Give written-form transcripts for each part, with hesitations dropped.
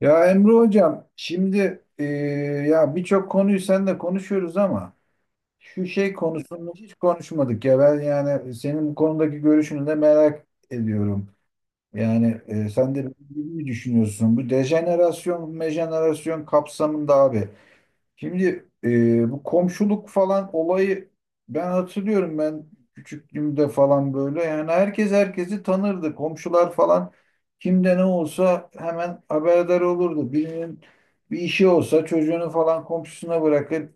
Ya Emre Hocam, şimdi ya birçok konuyu seninle konuşuyoruz ama şu şey konusunu hiç konuşmadık ya ben, yani senin bu konudaki görüşünü de merak ediyorum. Yani sen de benim gibi mi düşünüyorsun? Bu dejenerasyon, mejenerasyon kapsamında abi. Şimdi bu komşuluk falan olayı, ben hatırlıyorum, ben küçüklüğümde falan böyle, yani herkes herkesi tanırdı. Komşular falan, kimde ne olsa hemen haberdar olurdu. Birinin bir işi olsa çocuğunu falan komşusuna bırakır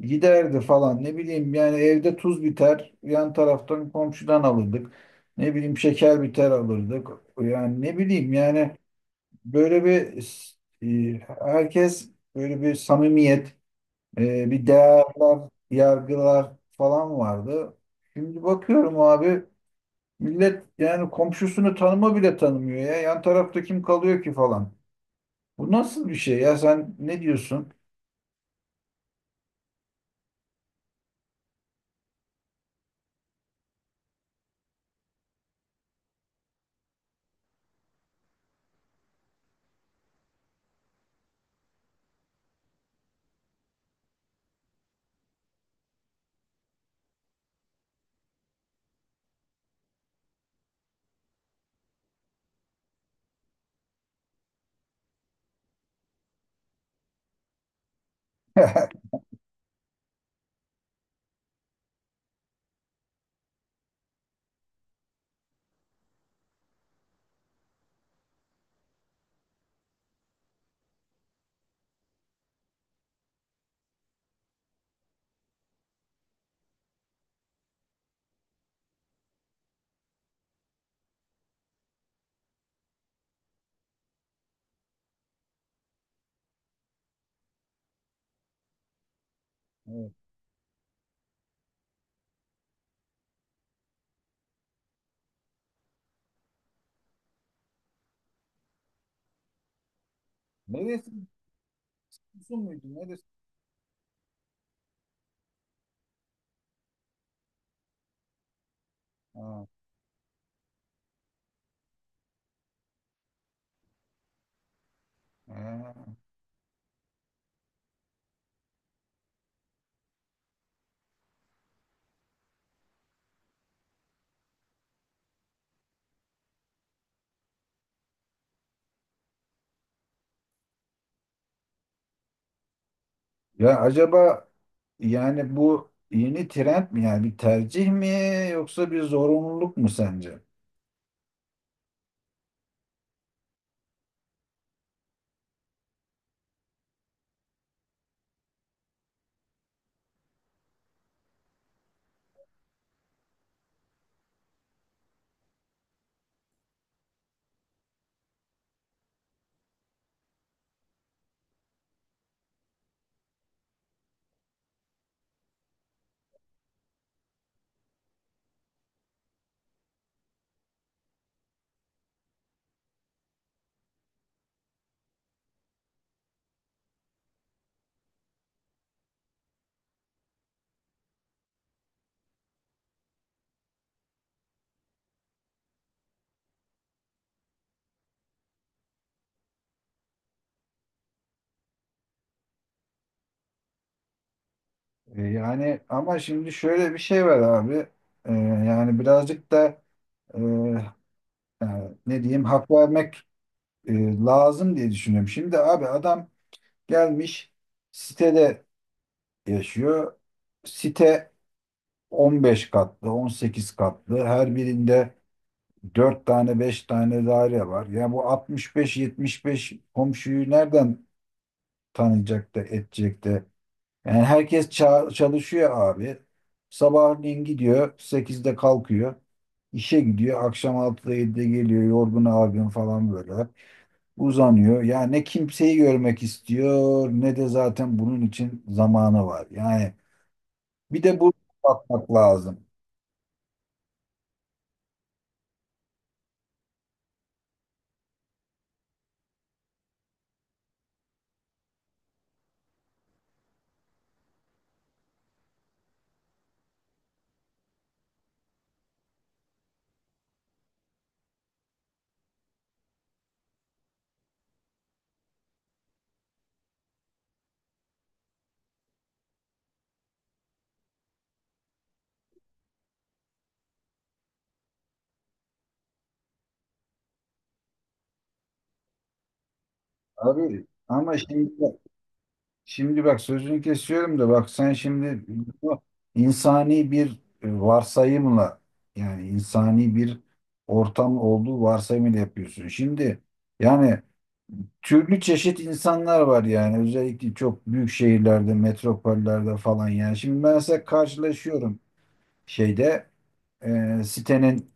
giderdi falan. Ne bileyim yani, evde tuz biter yan taraftan komşudan alırdık. Ne bileyim, şeker biter alırdık. Yani ne bileyim yani, böyle bir e, herkes böyle bir samimiyet, bir değerler, yargılar falan vardı. Şimdi bakıyorum abi, millet yani komşusunu tanıma bile tanımıyor ya. Yan tarafta kim kalıyor ki falan. Bu nasıl bir şey ya, sen ne diyorsun? Evet. Neresi? Giresun muydu? Neresi? Ha, ha. Ya acaba, yani bu yeni trend mi, yani bir tercih mi yoksa bir zorunluluk mu sence? Yani ama şimdi şöyle bir şey var abi. Yani birazcık da e, yani ne diyeyim, hak vermek e, lazım diye düşünüyorum. Şimdi abi, adam gelmiş sitede yaşıyor. Site 15 katlı, 18 katlı. Her birinde 4 tane, 5 tane daire var. Yani bu 65 beş komşuyu nereden tanıyacak da edecek de? Yani herkes çalışıyor abi. Sabahleyin gidiyor, sekizde kalkıyor. İşe gidiyor, akşam 6'da, 7'de geliyor, yorgun argın falan böyle uzanıyor. Ya ne kimseyi görmek istiyor, ne de zaten bunun için zamanı var. Yani bir de bu bakmak lazım. Abi ama şimdi bak, sözünü kesiyorum da, bak sen şimdi bu insani bir varsayımla, yani insani bir ortam olduğu varsayımıyla yapıyorsun. Şimdi yani türlü çeşit insanlar var, yani özellikle çok büyük şehirlerde, metropollerde falan. Yani şimdi ben mesela karşılaşıyorum şeyde, sitenin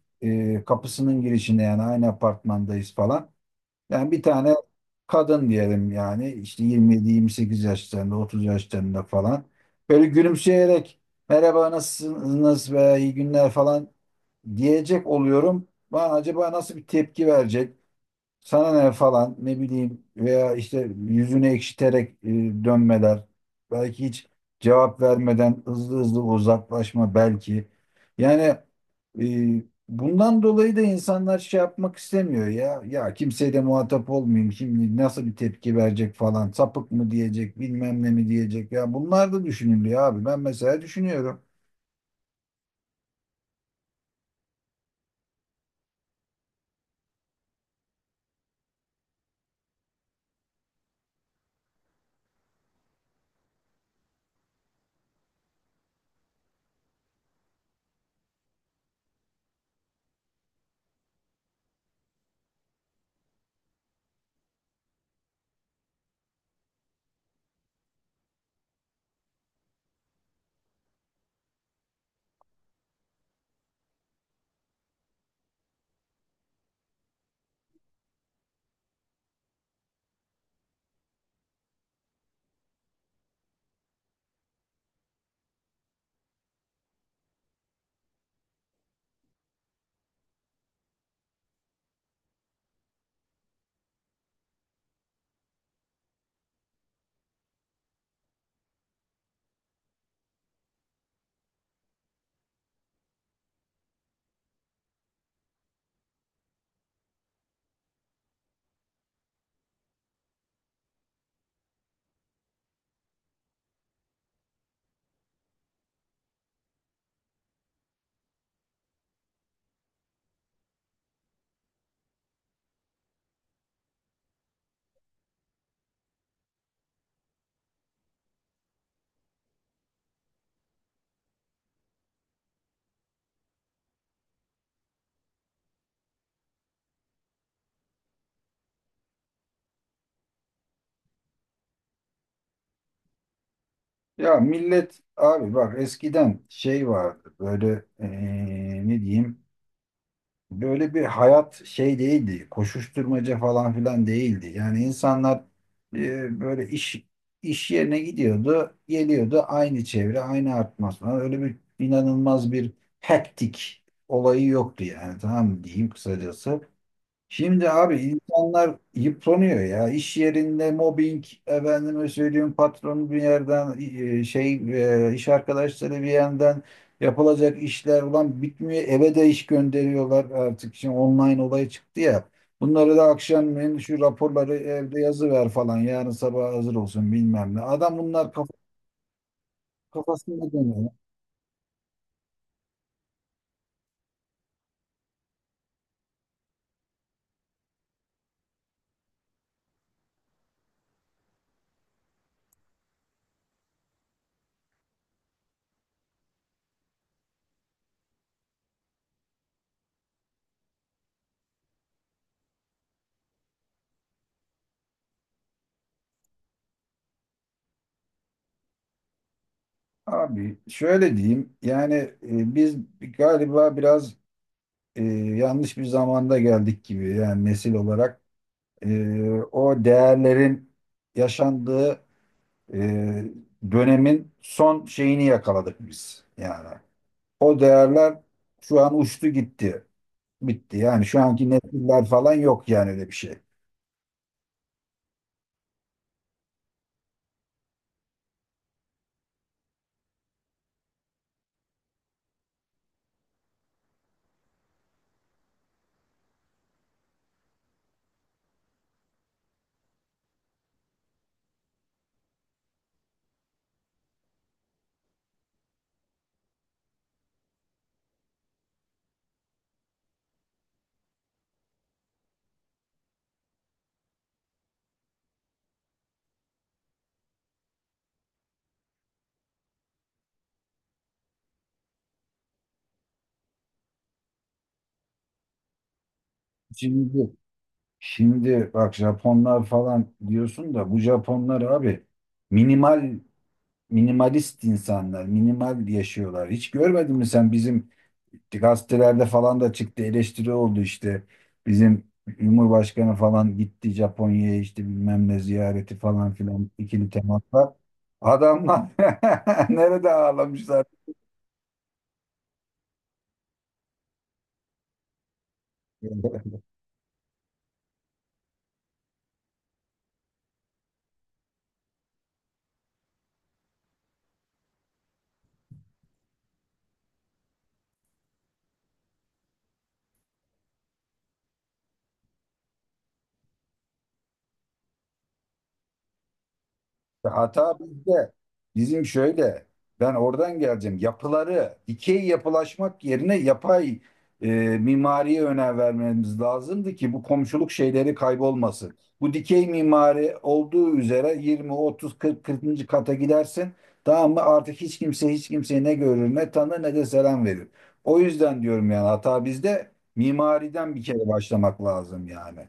kapısının girişinde, yani aynı apartmandayız falan. Yani bir tane kadın diyelim, yani işte 27-28 yaşlarında, 30 yaşlarında falan. Böyle gülümseyerek merhaba nasılsınız veya iyi günler falan diyecek oluyorum. Ben, acaba nasıl bir tepki verecek? Sana ne falan, ne bileyim, veya işte yüzünü ekşiterek dönmeler. Belki hiç cevap vermeden hızlı hızlı uzaklaşma belki. Yani e, bundan dolayı da insanlar şey yapmak istemiyor ya. Ya kimseye de muhatap olmayayım, şimdi nasıl bir tepki verecek falan. Sapık mı diyecek, bilmem ne mi diyecek. Ya bunlar da düşünülüyor abi. Ben mesela düşünüyorum. Ya millet abi bak, eskiden şey vardı böyle, ne diyeyim, böyle bir hayat şey değildi. Koşuşturmaca falan filan değildi. Yani insanlar böyle iş yerine gidiyordu, geliyordu, aynı çevre, aynı atmosfer. Öyle bir inanılmaz bir hektik olayı yoktu, yani tamam mı, diyeyim kısacası. Şimdi abi, insanlar yıpranıyor ya. İş yerinde mobbing, efendime söyleyeyim patron bir yerden e, şey iş arkadaşları bir yerden, yapılacak işler ulan bitmiyor. Eve de iş gönderiyorlar artık. Şimdi online olay çıktı ya. Bunları da akşamleyin, şu raporları evde yazı ver falan, yarın sabah hazır olsun bilmem ne. Adam, bunlar kafasında dönüyor. Abi şöyle diyeyim yani, biz galiba biraz e, yanlış bir zamanda geldik gibi, yani nesil olarak e, o değerlerin yaşandığı e, dönemin son şeyini yakaladık biz yani. O değerler şu an uçtu gitti. Bitti. Yani şu anki nesiller falan yok yani, öyle bir şey. Şimdi şimdi bak, Japonlar falan diyorsun da, bu Japonlar abi minimal minimalist insanlar, minimal yaşıyorlar. Hiç görmedin mi sen, bizim gazetelerde falan da çıktı, eleştiri oldu işte. Bizim Cumhurbaşkanı falan gitti Japonya'ya, işte bilmem ne ziyareti falan filan, ikili temaslar. Adamlar nerede ağlamışlar? İşte hata bizde. Bizim şöyle, ben oradan geleceğim. Yapıları, dikey yapılaşmak yerine yapay e, mimariye önem vermemiz lazımdı ki bu komşuluk şeyleri kaybolmasın. Bu dikey mimari olduğu üzere 20, 30, 40, 40. kata gidersin. Tamam mı? Artık hiç kimse hiç kimseyi ne görür, ne tanır, ne de selam verir. O yüzden diyorum yani, hata bizde. Mimariden bir kere başlamak lazım yani.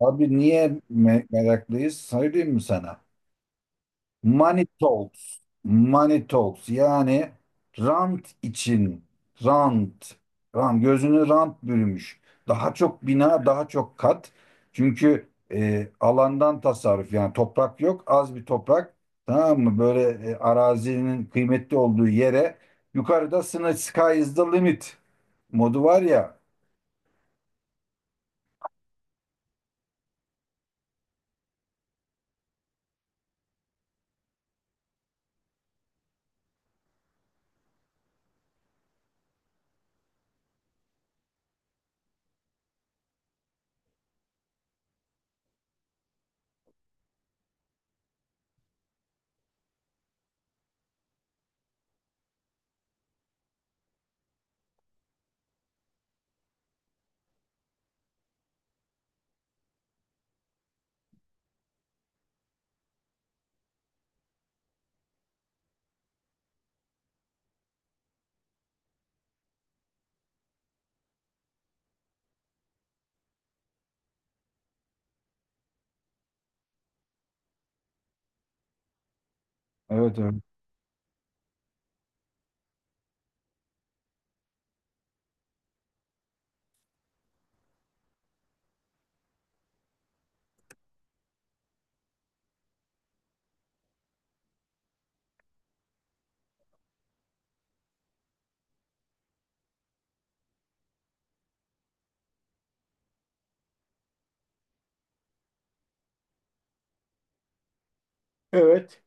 Abi niye meraklıyız? Söyleyeyim mi sana? Money talks. Money talks. Yani rant için, rant. Ram gözünü rant bürümüş. Daha çok bina, daha çok kat. Çünkü alandan tasarruf, yani toprak yok, az bir toprak. Tamam mı? Böyle arazinin kıymetli olduğu yere, yukarıda sınır, sky is the limit modu var ya. Evet, evet. Evet.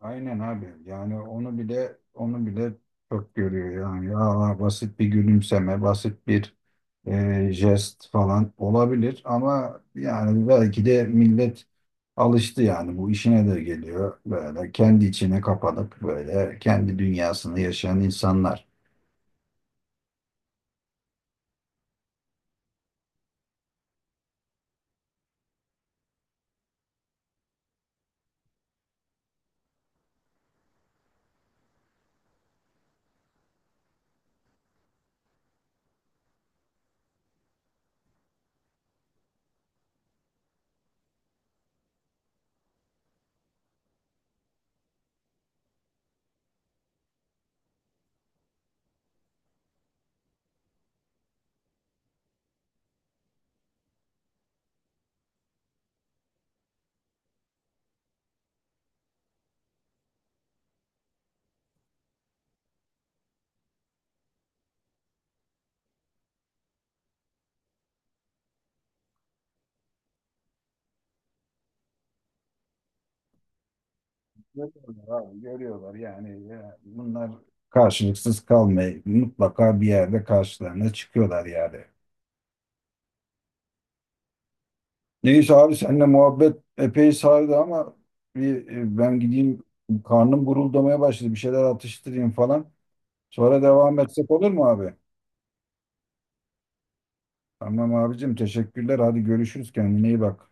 Aynen abi. Yani onu bile, onu bile çok görüyor yani. Ya basit bir gülümseme, basit bir jest falan olabilir ama, yani belki de millet alıştı yani, bu işine de geliyor. Böyle kendi içine kapanıp böyle kendi dünyasını yaşayan insanlar. Görüyorlar abi, görüyorlar yani. Ya bunlar karşılıksız kalmayı, mutlaka bir yerde karşılarına çıkıyorlar yani. Neyse abi, seninle muhabbet epey sardı ama bir, ben gideyim, karnım guruldamaya başladı. Bir şeyler atıştırayım falan. Sonra devam etsek olur mu abi? Tamam abicim, teşekkürler. Hadi görüşürüz. Kendine iyi bak.